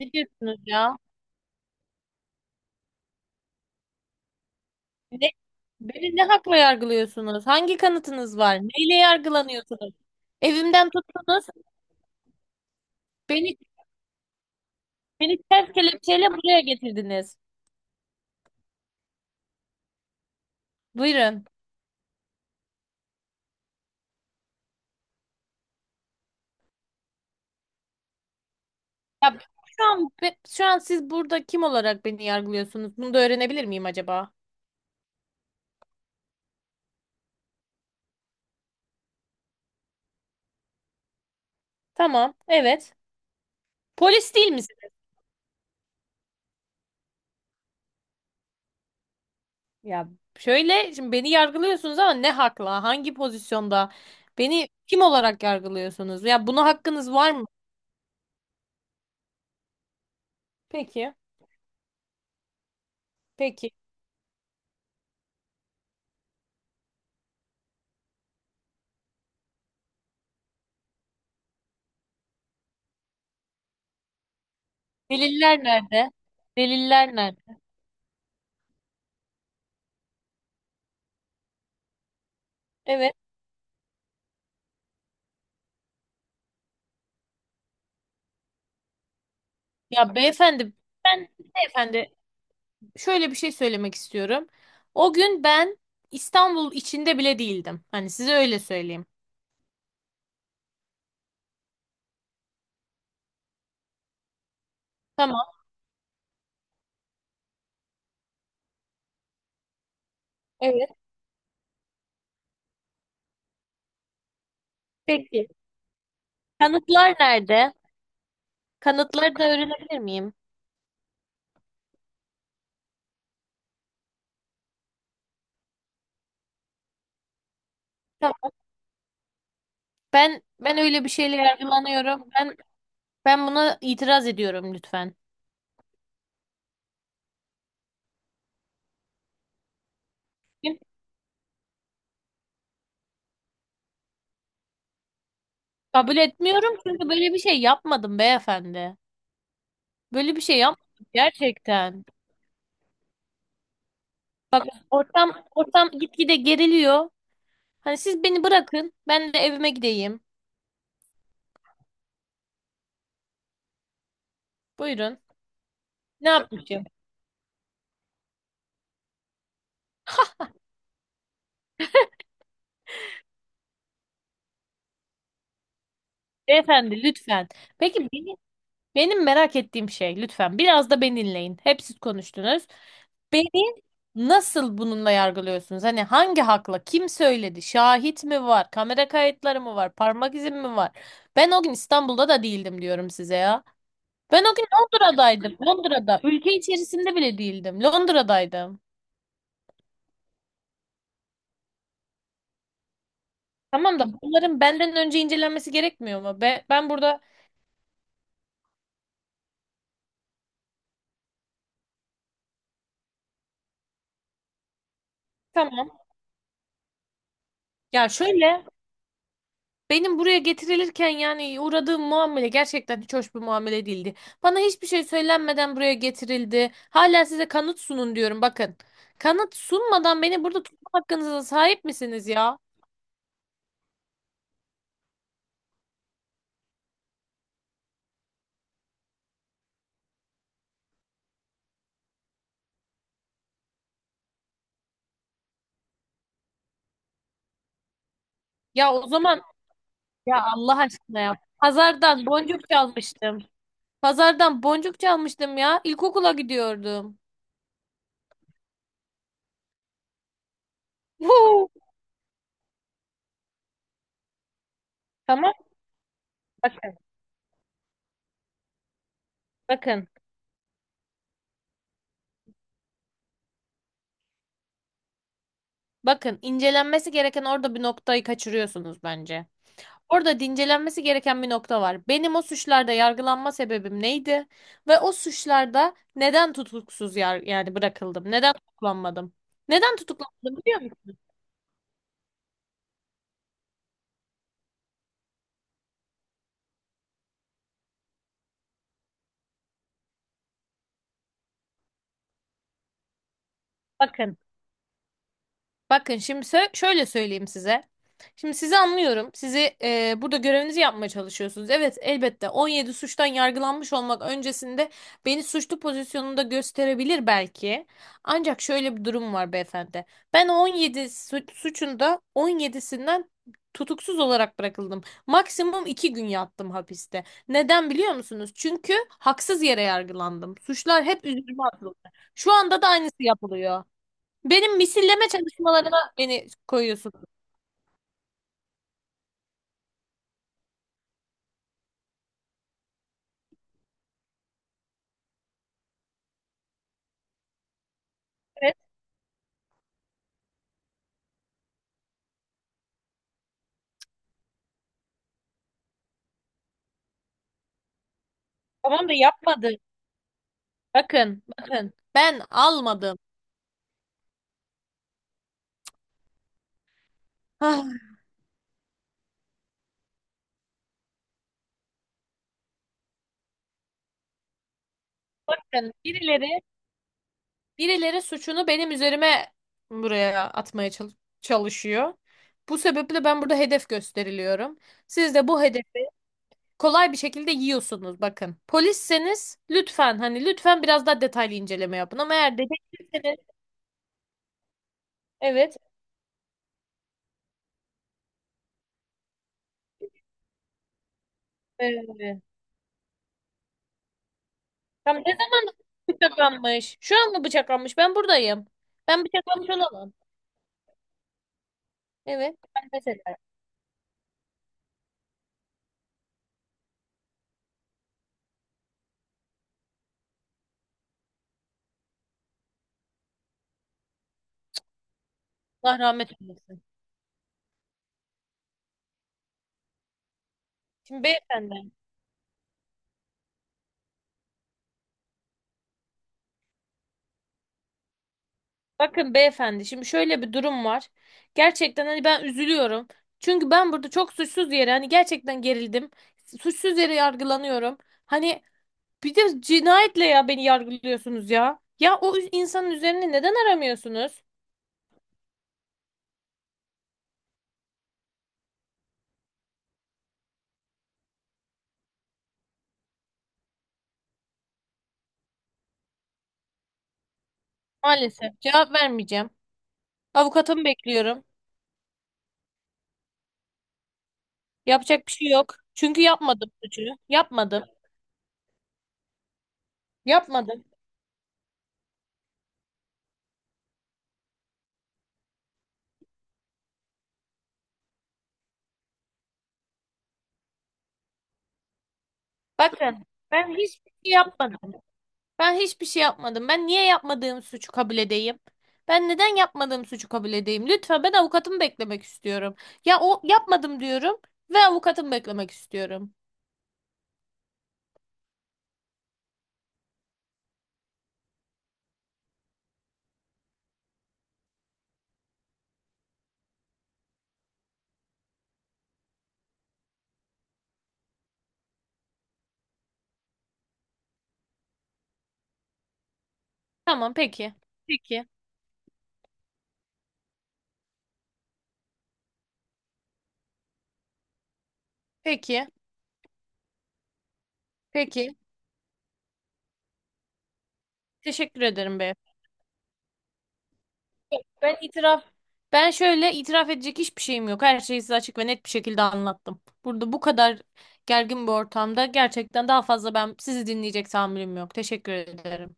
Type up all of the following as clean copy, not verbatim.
Ne diyorsunuz ya? Ne, beni ne hakla yargılıyorsunuz? Hangi kanıtınız var? Neyle yargılanıyorsunuz? Evimden tuttunuz, beni beni ters kelepçeyle buraya getirdiniz. Buyurun. Ya şu an siz burada kim olarak beni yargılıyorsunuz? Bunu da öğrenebilir miyim acaba? Tamam, evet. Polis değil misiniz? Ya şöyle şimdi beni yargılıyorsunuz ama ne hakla? Hangi pozisyonda? Beni kim olarak yargılıyorsunuz? Ya buna hakkınız var mı? Peki. Peki. Deliller nerede? Deliller nerede? Evet. Ya beyefendi, ben beyefendi şöyle bir şey söylemek istiyorum. O gün ben İstanbul içinde bile değildim. Hani size öyle söyleyeyim. Tamam. Evet. Peki. Kanıtlar nerede? Kanıtları da öğrenebilir miyim? Tamam. Ben öyle bir şeyle yargılanıyorum. Ben buna itiraz ediyorum lütfen. Kabul etmiyorum çünkü böyle bir şey yapmadım beyefendi. Böyle bir şey yapmadım gerçekten. Ortam gitgide geriliyor. Hani siz beni bırakın, ben de evime gideyim. Buyurun. Ne yapayım beyefendi lütfen. Peki beni, benim merak ettiğim şey lütfen biraz da beni dinleyin. Hep siz konuştunuz. Beni nasıl bununla yargılıyorsunuz? Hani hangi hakla? Kim söyledi? Şahit mi var? Kamera kayıtları mı var? Parmak izim mi var? Ben o gün İstanbul'da da değildim diyorum size ya. Ben o gün Londra'daydım. Londra'da. Ülke içerisinde bile değildim. Londra'daydım. Tamam da bunların benden önce incelenmesi gerekmiyor mu? Ben burada tamam. Ya şöyle benim buraya getirilirken yani uğradığım muamele gerçekten hiç hoş bir muamele değildi. Bana hiçbir şey söylenmeden buraya getirildi. Hala size kanıt sunun diyorum bakın. Kanıt sunmadan beni burada tutma hakkınıza sahip misiniz ya? Ya o zaman ya Allah aşkına ya. Pazardan boncuk çalmıştım. Pazardan boncuk çalmıştım ya. İlkokula gidiyordum. Huu. Tamam bakın bakın. Bakın incelenmesi gereken orada bir noktayı kaçırıyorsunuz bence. Orada da incelenmesi gereken bir nokta var. Benim o suçlarda yargılanma sebebim neydi? Ve o suçlarda neden tutuksuz yani bırakıldım? Neden tutuklanmadım? Neden tutuklanmadım biliyor musunuz? Bakın. Bakın şimdi şöyle söyleyeyim size. Şimdi sizi anlıyorum. Sizi burada görevinizi yapmaya çalışıyorsunuz. Evet, elbette 17 suçtan yargılanmış olmak öncesinde beni suçlu pozisyonunda gösterebilir belki. Ancak şöyle bir durum var beyefendi. Ben o 17 suçunda 17'sinden tutuksuz olarak bırakıldım. Maksimum 2 gün yattım hapiste. Neden biliyor musunuz? Çünkü haksız yere yargılandım. Suçlar hep üzerime atıldı. Şu anda da aynısı yapılıyor. Benim misilleme çalışmalarıma beni koyuyorsunuz. Evet, tamam da yapmadım. Bakın, bakın. Ben almadım. Ah, bakın birileri suçunu benim üzerime buraya atmaya çalışıyor. Bu sebeple ben burada hedef gösteriliyorum. Siz de bu hedefi kolay bir şekilde yiyorsunuz bakın. Polisseniz lütfen hani lütfen biraz daha detaylı inceleme yapın ama eğer dedektifseniz evet, evet. Tam ne zaman bıçaklanmış? Şu an mı bıçaklanmış? Ben buradayım. Ben bıçaklanmış olamam. Evet. Ben mesela. Ederim. Allah rahmet eylesin. Şimdi beyefendi. Bakın beyefendi. Şimdi şöyle bir durum var. Gerçekten hani ben üzülüyorum. Çünkü ben burada çok suçsuz yere hani gerçekten gerildim. Suçsuz yere yargılanıyorum. Hani bir de cinayetle ya beni yargılıyorsunuz ya. Ya o insanın üzerine neden aramıyorsunuz? Maalesef cevap vermeyeceğim. Avukatımı bekliyorum. Yapacak bir şey yok. Çünkü yapmadım suçu. Yapmadım. Yapmadım. Bakın, ben hiçbir şey yapmadım. Ben hiçbir şey yapmadım. Ben niye yapmadığım suçu kabul edeyim? Ben neden yapmadığım suçu kabul edeyim? Lütfen ben avukatımı beklemek istiyorum. Ya o yapmadım diyorum ve avukatımı beklemek istiyorum. Tamam, peki. Peki. Peki. Peki. Teşekkür ederim beyefendi. Ben itiraf ben şöyle itiraf edecek hiçbir şeyim yok. Her şeyi size açık ve net bir şekilde anlattım. Burada bu kadar gergin bir ortamda gerçekten daha fazla ben sizi dinleyecek tahammülüm yok. Teşekkür ederim.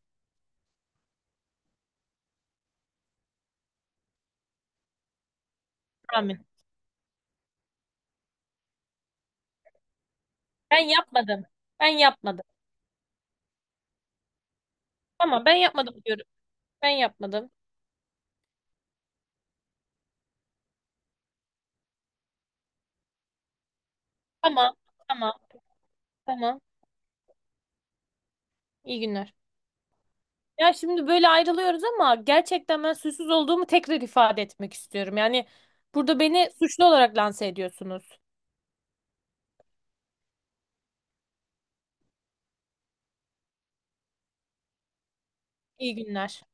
Amin. Ben yapmadım. Ben yapmadım. Tamam, ben yapmadım diyorum. Ben yapmadım. Tamam. Tamam. Tamam. İyi günler. Ya şimdi böyle ayrılıyoruz ama gerçekten ben suçsuz olduğumu tekrar ifade etmek istiyorum. Yani burada beni suçlu olarak lanse ediyorsunuz. İyi günler. Peki.